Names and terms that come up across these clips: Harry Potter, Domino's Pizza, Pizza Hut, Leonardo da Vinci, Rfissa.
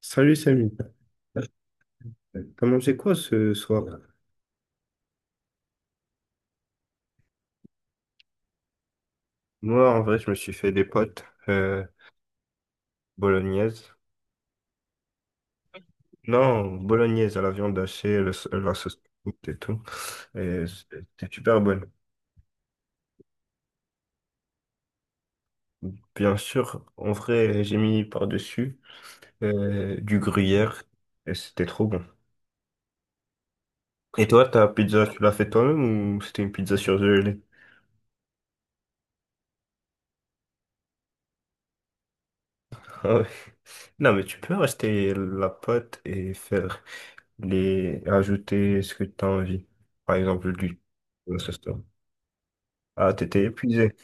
Salut Samy, t'as mangé quoi ce soir? Moi, en vrai, je me suis fait des potes bolognaises. Non, bolognaise à la viande hachée, la sauce piquante et tout. C'était super bonne. Bien sûr, en vrai, j'ai mis par-dessus du gruyère et c'était trop bon. Et toi, ta pizza, tu l'as fait toi-même ou c'était une pizza surgelée? Ah ouais. Non, mais tu peux rester la pâte et faire les ajouter ce que tu as envie. Par exemple, du ce soir. Ah, t'étais épuisé.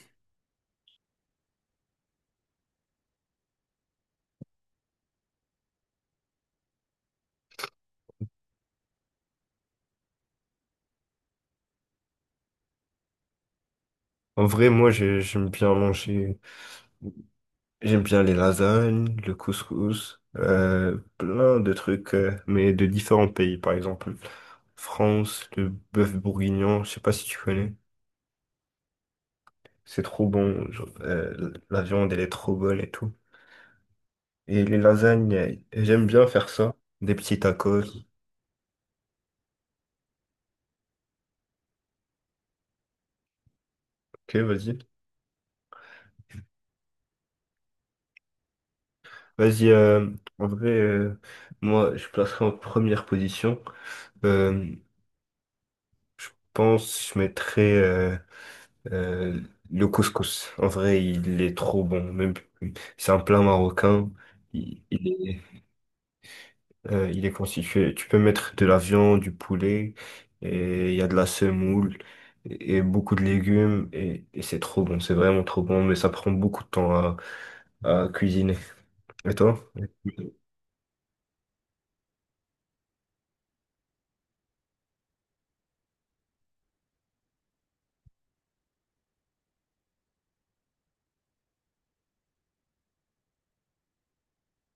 En vrai, moi, j'aime bien manger. J'aime bien les lasagnes, le couscous, plein de trucs, mais de différents pays. Par exemple, France, le bœuf bourguignon, je sais pas si tu connais. C'est trop bon. Genre, la viande, elle est trop bonne et tout. Et les lasagnes, j'aime bien faire ça. Des petits tacos. Ok, vas-y. Vas-y, en vrai, moi, je placerai en première position. Euh, je pense que je mettrais euh, le couscous. En vrai, il est trop bon. Même, c'est un plat marocain. Il est, il est constitué. Tu peux mettre de la viande, du poulet, et il y a de la semoule et beaucoup de légumes. Et c'est trop bon. C'est vraiment trop bon, mais ça prend beaucoup de temps à cuisiner. Et toi?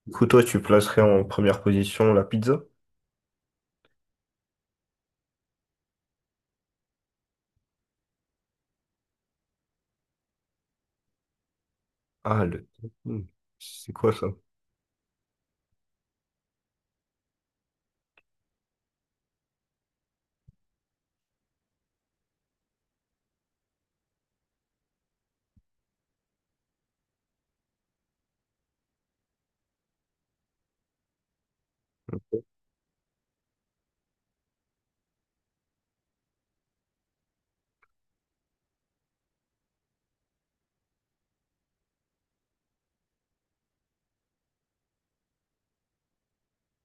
Du coup, toi, tu placerais en première position la pizza? Ah, le tofu. C'est quoi ça?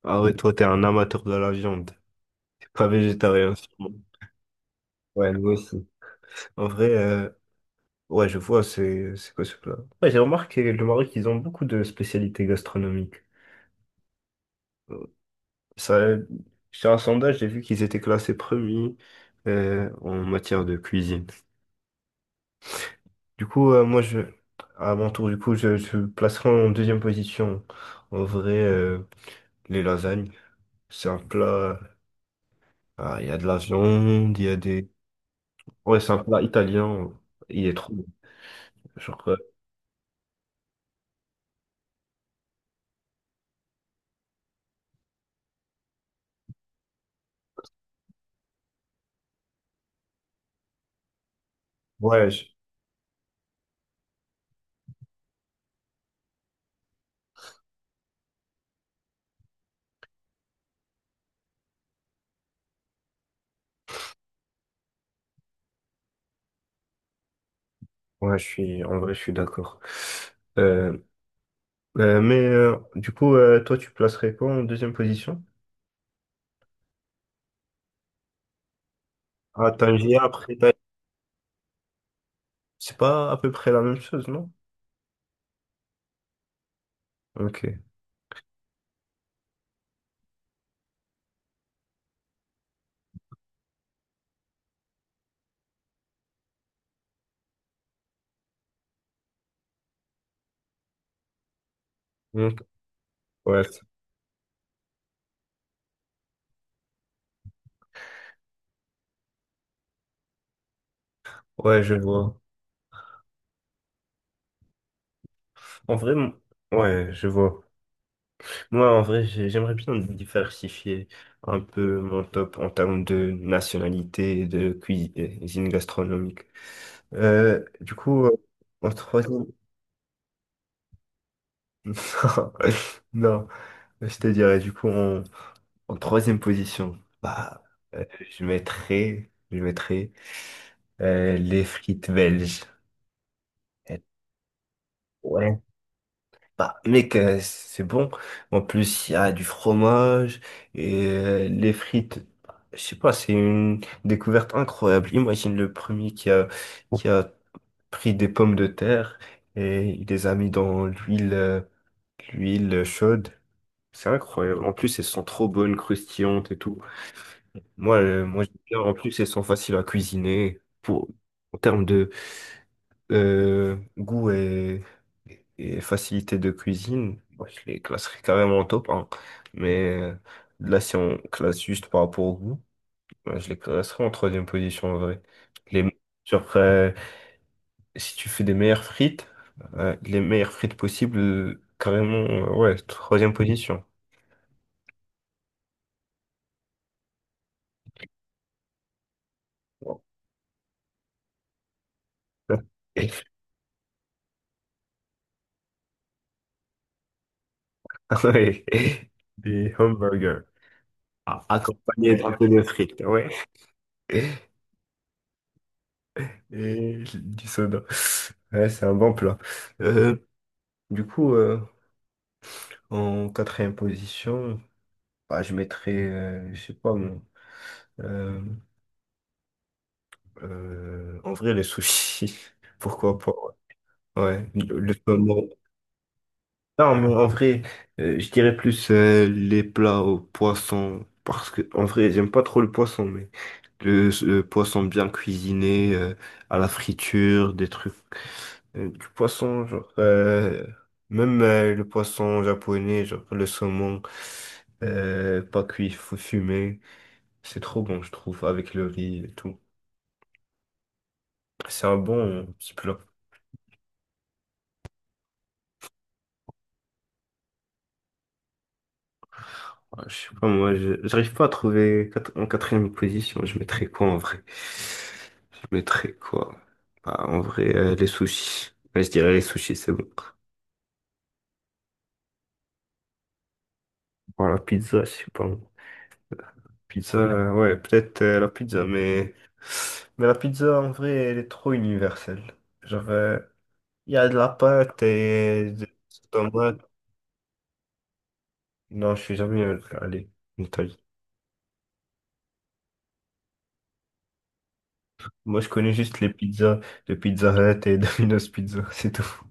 Ah ouais, toi, t'es un amateur de la viande. T'es pas végétarien, sûrement. Ouais, nous aussi. En vrai, ouais, je vois, c'est quoi ce plat? Ouais, j'ai remarqué, le Maroc, ils ont beaucoup de spécialités gastronomiques. Euh, Ça, sur un sondage, j'ai vu qu'ils étaient classés premiers en matière de cuisine. Du coup, moi, je, à mon tour, du coup, je placerai en deuxième position, en vrai, les lasagnes. C'est un plat, ah, il y a de la viande, il y a des, ouais, c'est un plat italien. Il est trop bon. Genre, ouais, je, ouais, je suis, en vrai, je suis d'accord. Euh, mais du coup, toi, tu placerais quoi en deuxième position? Ah, Tangier, après, c'est pas à peu près la même chose, non? Ok. Ok. Ouais, ouais, je vois. En vrai, ouais, je vois. Moi, en vrai, j'aimerais bien diversifier un peu mon top en termes de nationalité et de cuisine gastronomique. Du coup, en troisième. Non, non, je te dirais du coup en, en troisième position, bah, euh, je mettrais les frites belges. Et- ouais, bah mec, c'est bon. En plus, il y a du fromage et les frites. Bah, je sais pas, c'est une découverte incroyable. Imagine le premier qui a pris des pommes de terre et il les a mis dans l'huile l'huile chaude. C'est incroyable. En plus, elles sont trop bonnes, croustillantes et tout. Moi, moi j'aime bien. En plus, elles sont faciles à cuisiner. Pour, en termes de goût et facilité de cuisine, moi, je les classerais carrément en top 1. Mais là, si on classe juste par rapport au goût, ben, je les classerais en troisième position en vrai. Les, sur, si tu fais des meilleures frites, les meilleures frites possibles, carrément, ouais, troisième position. Wow. Oui, des hamburgers, ah, accompagnés d'un peu de frites, ouais. Et du soda. Ouais, c'est un bon plat. Euh, du coup, en quatrième position, bah, je mettrais, je sais pas, moi, euh, en vrai, les sushis. Pourquoi pas? Ouais, ouais. Le saumon. Non, mais en vrai, je dirais plus les plats au poisson, parce que en vrai, j'aime pas trop le poisson, mais le poisson bien cuisiné, à la friture, des trucs, du poisson, genre, même le poisson japonais, genre le saumon, pas cuit, faut fumer, c'est trop bon, je trouve, avec le riz et tout. C'est un bon petit plat. Ah, je sais pas, moi, j'arrive pas à trouver en quatrième position. Je mettrais quoi en vrai? Je mettrais quoi? Bah, en vrai, les sushis. Ouais, je dirais les sushis, c'est bon. Bon, la pizza, je sais pas. Pizza, ouais, peut-être la pizza, mais... Mais la pizza, en vrai, elle est trop universelle. Genre, il y a de la pâte et des tomates. Non, je suis jamais allé en Italie. Moi, je connais juste les pizzas de Pizza Hut et Domino's Pizza, c'est tout.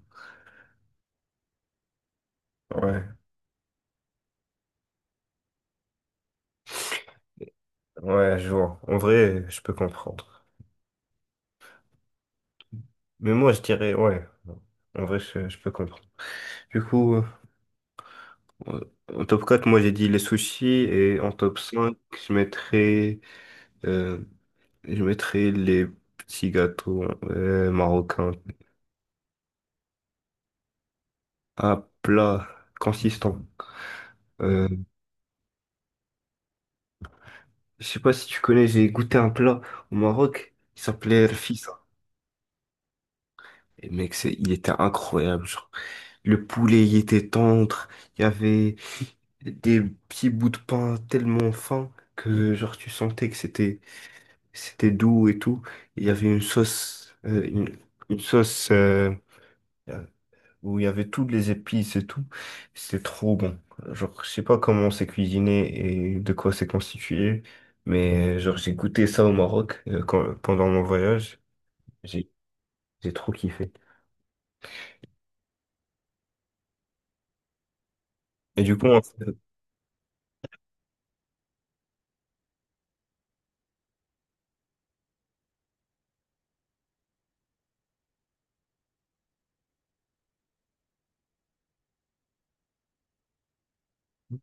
Ouais. Ouais, je vois. En vrai, je peux comprendre. Mais moi, je dirais, ouais. En vrai, je peux comprendre. Du coup, euh, en top 4 moi, j'ai dit les sushis. Et en top 5 je mettrais, euh, je mettrais les petits gâteaux marocains. Un plat consistant. Euh, je sais pas si tu connais, j'ai goûté un plat au Maroc. Il s'appelait Rfissa. Et mec, c'est, il était incroyable. Genre, le poulet, il était tendre. Il y avait des petits bouts de pain tellement fins que genre tu sentais que c'était doux et tout. Il y avait une sauce une sauce euh, où il y avait toutes les épices et tout. C'était trop bon. Genre je sais pas comment c'est cuisiné et de quoi c'est constitué, mais genre j'ai goûté ça au Maroc pendant mon voyage. J'ai j'ai trop kiffé. Et du coup, en fait,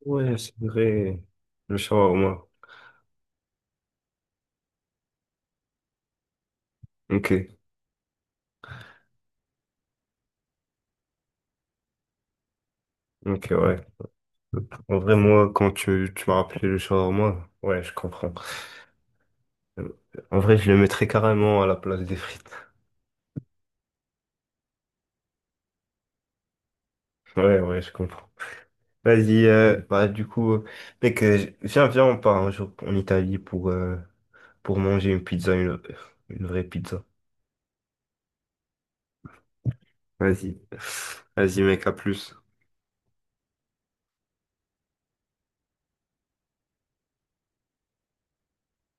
ouais, c'est vrai, le shawarma. Ok, ok, ouais. En vrai, moi, quand tu m'as rappelé le shawarma, ouais, je comprends. Euh, En vrai, je le mettrais carrément à la place des frites. Ouais, ouais, je comprends. Vas-y, bah, du coup, mec, viens, on part un jour en Italie pour manger une pizza, une vraie pizza. Vas-y. Vas-y, mec, à plus.